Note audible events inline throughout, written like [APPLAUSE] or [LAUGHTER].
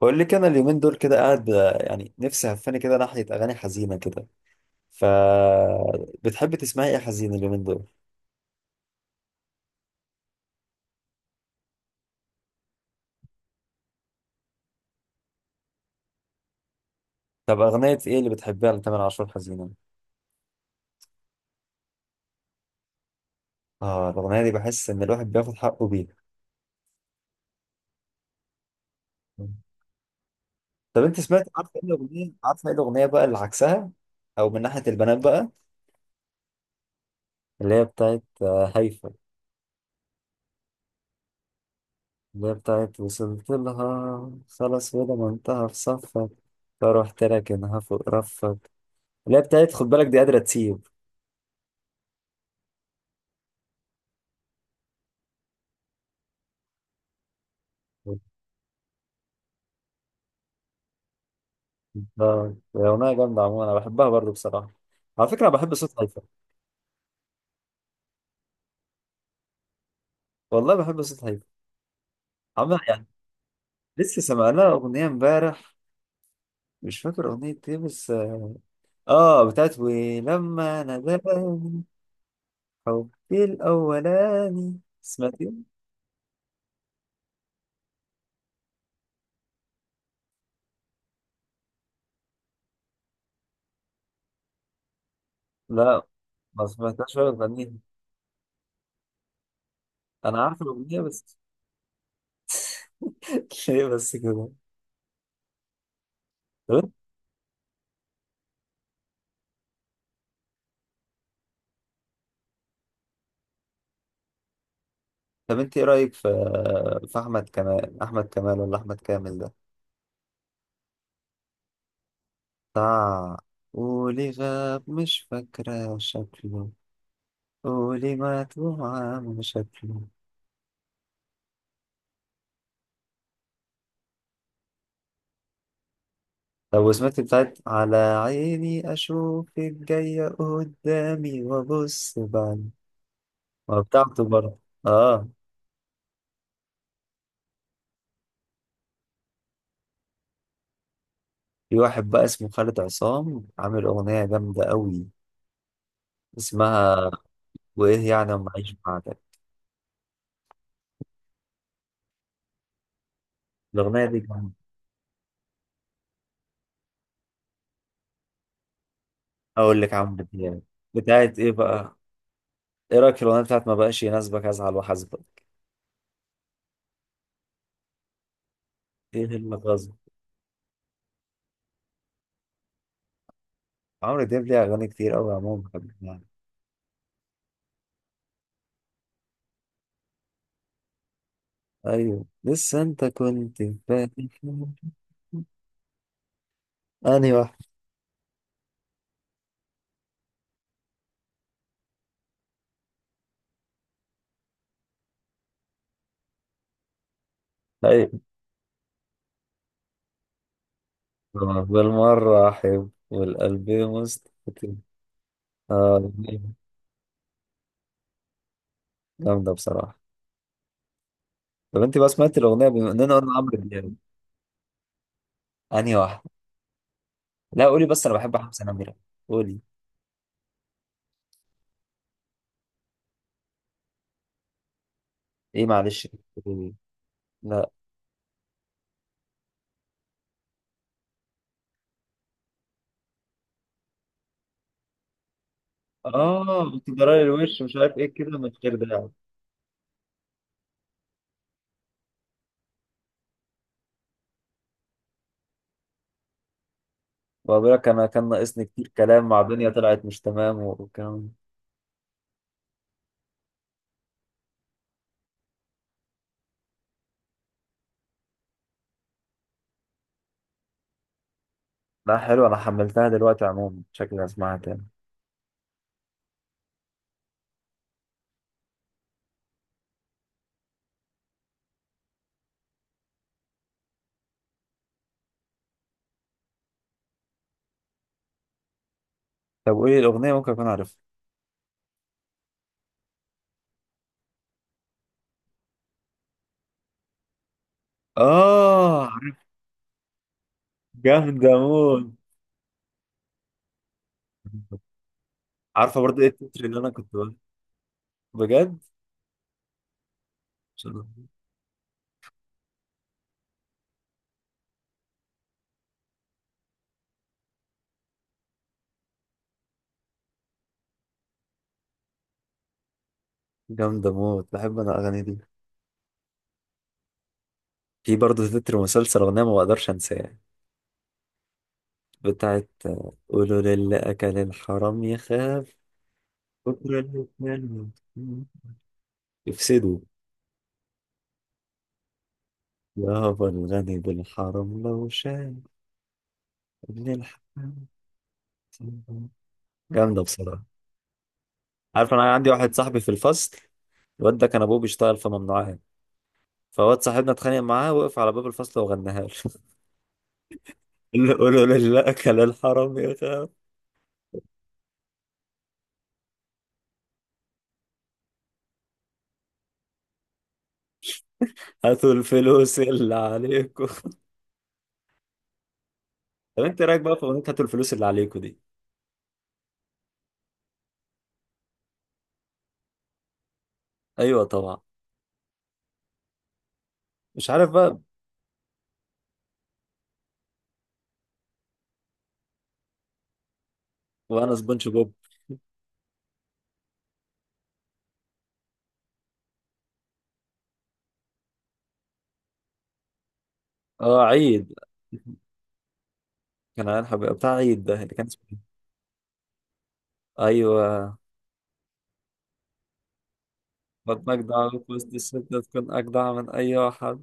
بقول لك انا اليومين دول كده يعني نفسي هفاني كده ناحيه اغاني حزينه كده. ف بتحبي تسمعي ايه حزين اليومين دول؟ طب اغنيه ايه اللي بتحبيها لتامر عاشور حزينه؟ اه، الاغنيه دي بحس ان الواحد بياخد حقه بيها. طب انت سمعت؟ عارفه ايه الاغنيه؟ عارفه ايه الاغنيه بقى اللي عكسها؟ او من ناحيه البنات بقى، اللي هي بتاعت هيفا. اللي هي بتاعت وصلت لها خلاص ولا ما انتهى في صفك، فروحت لكنها فوق رفك. اللي هي بتاعت خد بالك دي قادره تسيب. اه، هي اغنيه جامده عموما، انا بحبها برضو بصراحه. على فكره أنا بحب صوت هيفا. والله بحب صوت هيفا، عمال يعني. لسه سمعنا اغنيه امبارح، مش فاكر اغنيه ايه بس اه بتاعت ولما ناداني. حبي الاولاني سمعتيه؟ لا، ما سمعتهاش ولا بغنيها. انا عارف الاغنيه بس. [LAUGHS] هي بس كده. طب انت طب انت ايه رايك في احمد كمال؟ احمد كمال ولا احمد كامل ده، بتاع ولي غاب؟ مش فاكرة شكله. قولي ما توعى شكله. طب سمعت بتاعت على عيني أشوفك جاية قدامي وأبص بعد ما؟ بتاعته برضه. آه. في واحد بقى اسمه خالد عصام عامل أغنية جامدة أوي، اسمها وإيه يعني أما أعيش بعدك. الأغنية دي جامدة. أقول لك عم يعني، بتاعت إيه بقى. إيه رأيك في الأغنية بتاعت ما بقاش يناسبك أزعل وأحاسبك؟ إيه اللي غصب. عمرو دياب ليه أغاني كتير أوي عموما بحبها. أيوه، لسه أنت كنت فاكر. انهي واحد؟ أي. بالمرة أحب والقلب مستقيم. آه، أغنية جامدة بصراحة. طب أنت بقى سمعت الأغنية، بما إننا قلنا عمرو دياب؟ أنهي واحدة؟ لا، قولي بس، أنا بحب حمزة نمرة. قولي. إيه معلش؟ قولي. لا. آه، بتجرالي الوش مش عارف إيه كده من غير داعي. وأقول لك أنا كان ناقصني كتير كلام مع دنيا طلعت مش تمام والكلام. لا حلو، أنا حملتها دلوقتي عموما، شكلي هسمعها تاني. طب قولي الأغنية ممكن أكون عارفها. آه. جامدة موت. عارفه برضو ايه التتر اللي انا كنت بقول؟ بجد. عشان جامده موت، بحب انا الاغاني دي. في برضو تتر مسلسل، اغنيه ما بقدرش انساها، بتاعت قولوا للي اكل الحرام يخاف، بكره اللي كان يفسدوا، يابا الغني بالحرام لو شاف ابن الحرام. جامده بصراحه. عارف، انا عندي واحد صاحبي في الفصل، الواد ده كان ابوه بيشتغل في ممنوعات، فواد صاحبنا اتخانق معاه، وقف على باب الفصل وغناها له. [LAUGHS] قولوا للي اكل الحرام يخاف. هاتوا الفلوس اللي عليكم. طب انت رايك بقى في اغنيه هاتوا الفلوس اللي عليكم دي؟ ايوه طبعا. مش عارف بقى. وانا سبونج بوب. اه، عيد. [LAUGHS] كان عارف بتاع عيد ده، اللي كان اسمه إيه؟ ايوه. بطنك دعوة في وسط الستة تكون اجدع من اي واحد.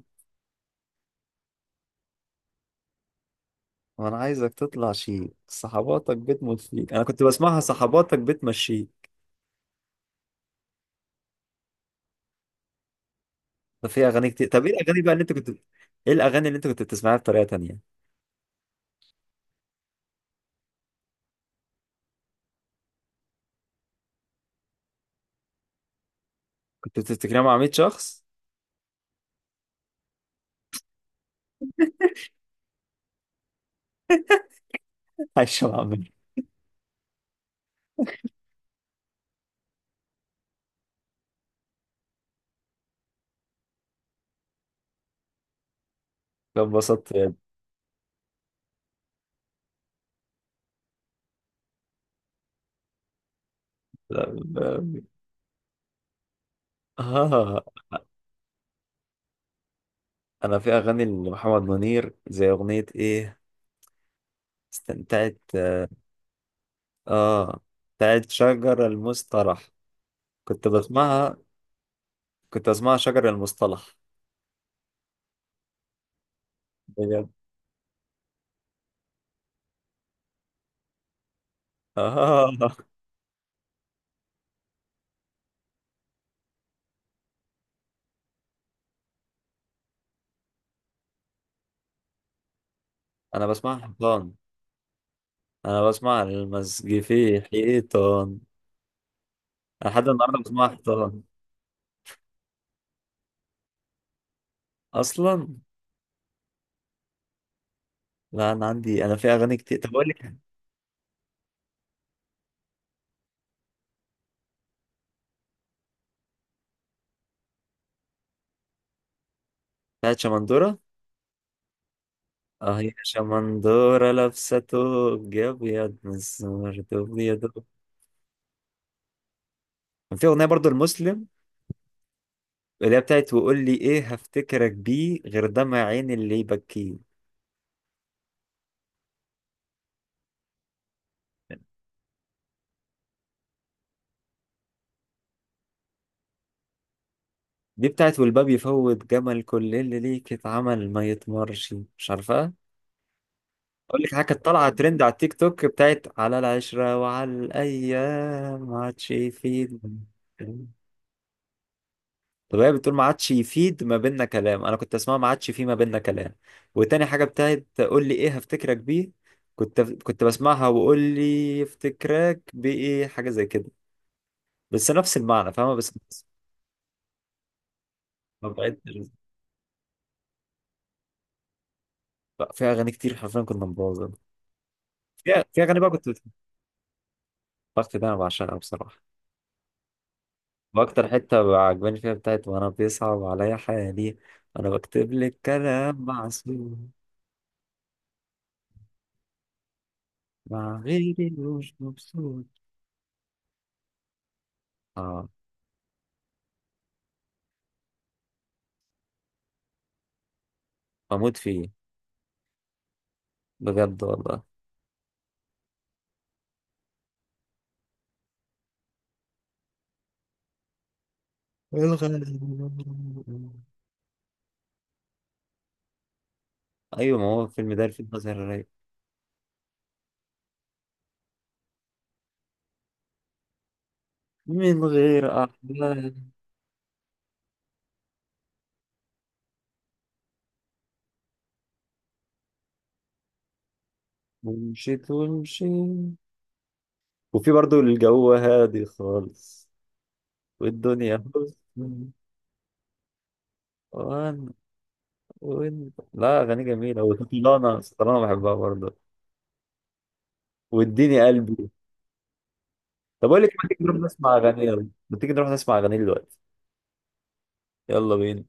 وانا عايزك تطلع، شيء صحباتك بتموت فيك، انا كنت بسمعها صحباتك بتمشيك. ده في اغاني كتير. طب ايه الاغاني بقى اللي انت كنت؟ ايه الاغاني اللي انت كنت بتسمعها بطريقه تانيه؟ كنت بتفتكرها مع 100 شخص. [LAUGHS] عايشه مع 100. فانبسطت. اه، انا في اغاني لمحمد منير زي اغنية ايه. استمتعت. اه، بتاعت شجر المصطلح، كنت بسمعها، كنت بسمعها شجر المصطلح. بجد. اه، انا بسمعها حيطان. انا بسمع المزج في حيطان. أنا لحد النهارده بسمعها حيطان. اصلا. لا انا في اغاني كتير. طب اقول لك، بتاعت شمندورة. اه، هي شمندورة لابسة توب ابيض، مسمار توب ابيض. كان في اغنية برضو، المسلم، اللي هي بتاعت وقول لي ايه هفتكرك بيه غير دمع عين اللي يبكيه. دي بتاعت والباب يفوت جمل كل اللي ليك اتعمل ما يتمرش، مش عارفها. اقول لك حاجه كانت طالعه ترند على التيك توك، بتاعت على العشره وعلى الايام ما عادش يفيد. طب هي بتقول ما عادش يفيد ما بيننا كلام، انا كنت اسمعها ما عادش في ما بيننا كلام. وتاني حاجه، بتاعت قول لي ايه هفتكرك بيه، كنت بسمعها وقول لي افتكرك بايه، حاجه زي كده، بس نفس المعنى فاهمه بس. ما بعدتش. بقى في اغاني كتير حرفيا كنا مبوظين. في اغاني بقى كنت، الوقت ده انا بعشقها بصراحه. واكتر حته عجباني فيها، بتاعت وانا بيصعب عليا حالي، انا بكتب لك كلام معسول، مع غيري مش مبسوط. اه. بموت فيه. بجد والله. الغالي. ايوه ما هو الفيلم ده، الفيلم ده زهر رايق. من غير احلام. ومشيت ومشيت. وفي برضو، الجو هادي خالص والدنيا حسن. وان وان لا، اغاني جميله، وسطلانه سطلانه بحبها برضه. واديني قلبي. طب اقول لك ما تيجي نروح نسمع اغاني، يلا ما تيجي نروح نسمع اغاني دلوقتي. يلا بينا.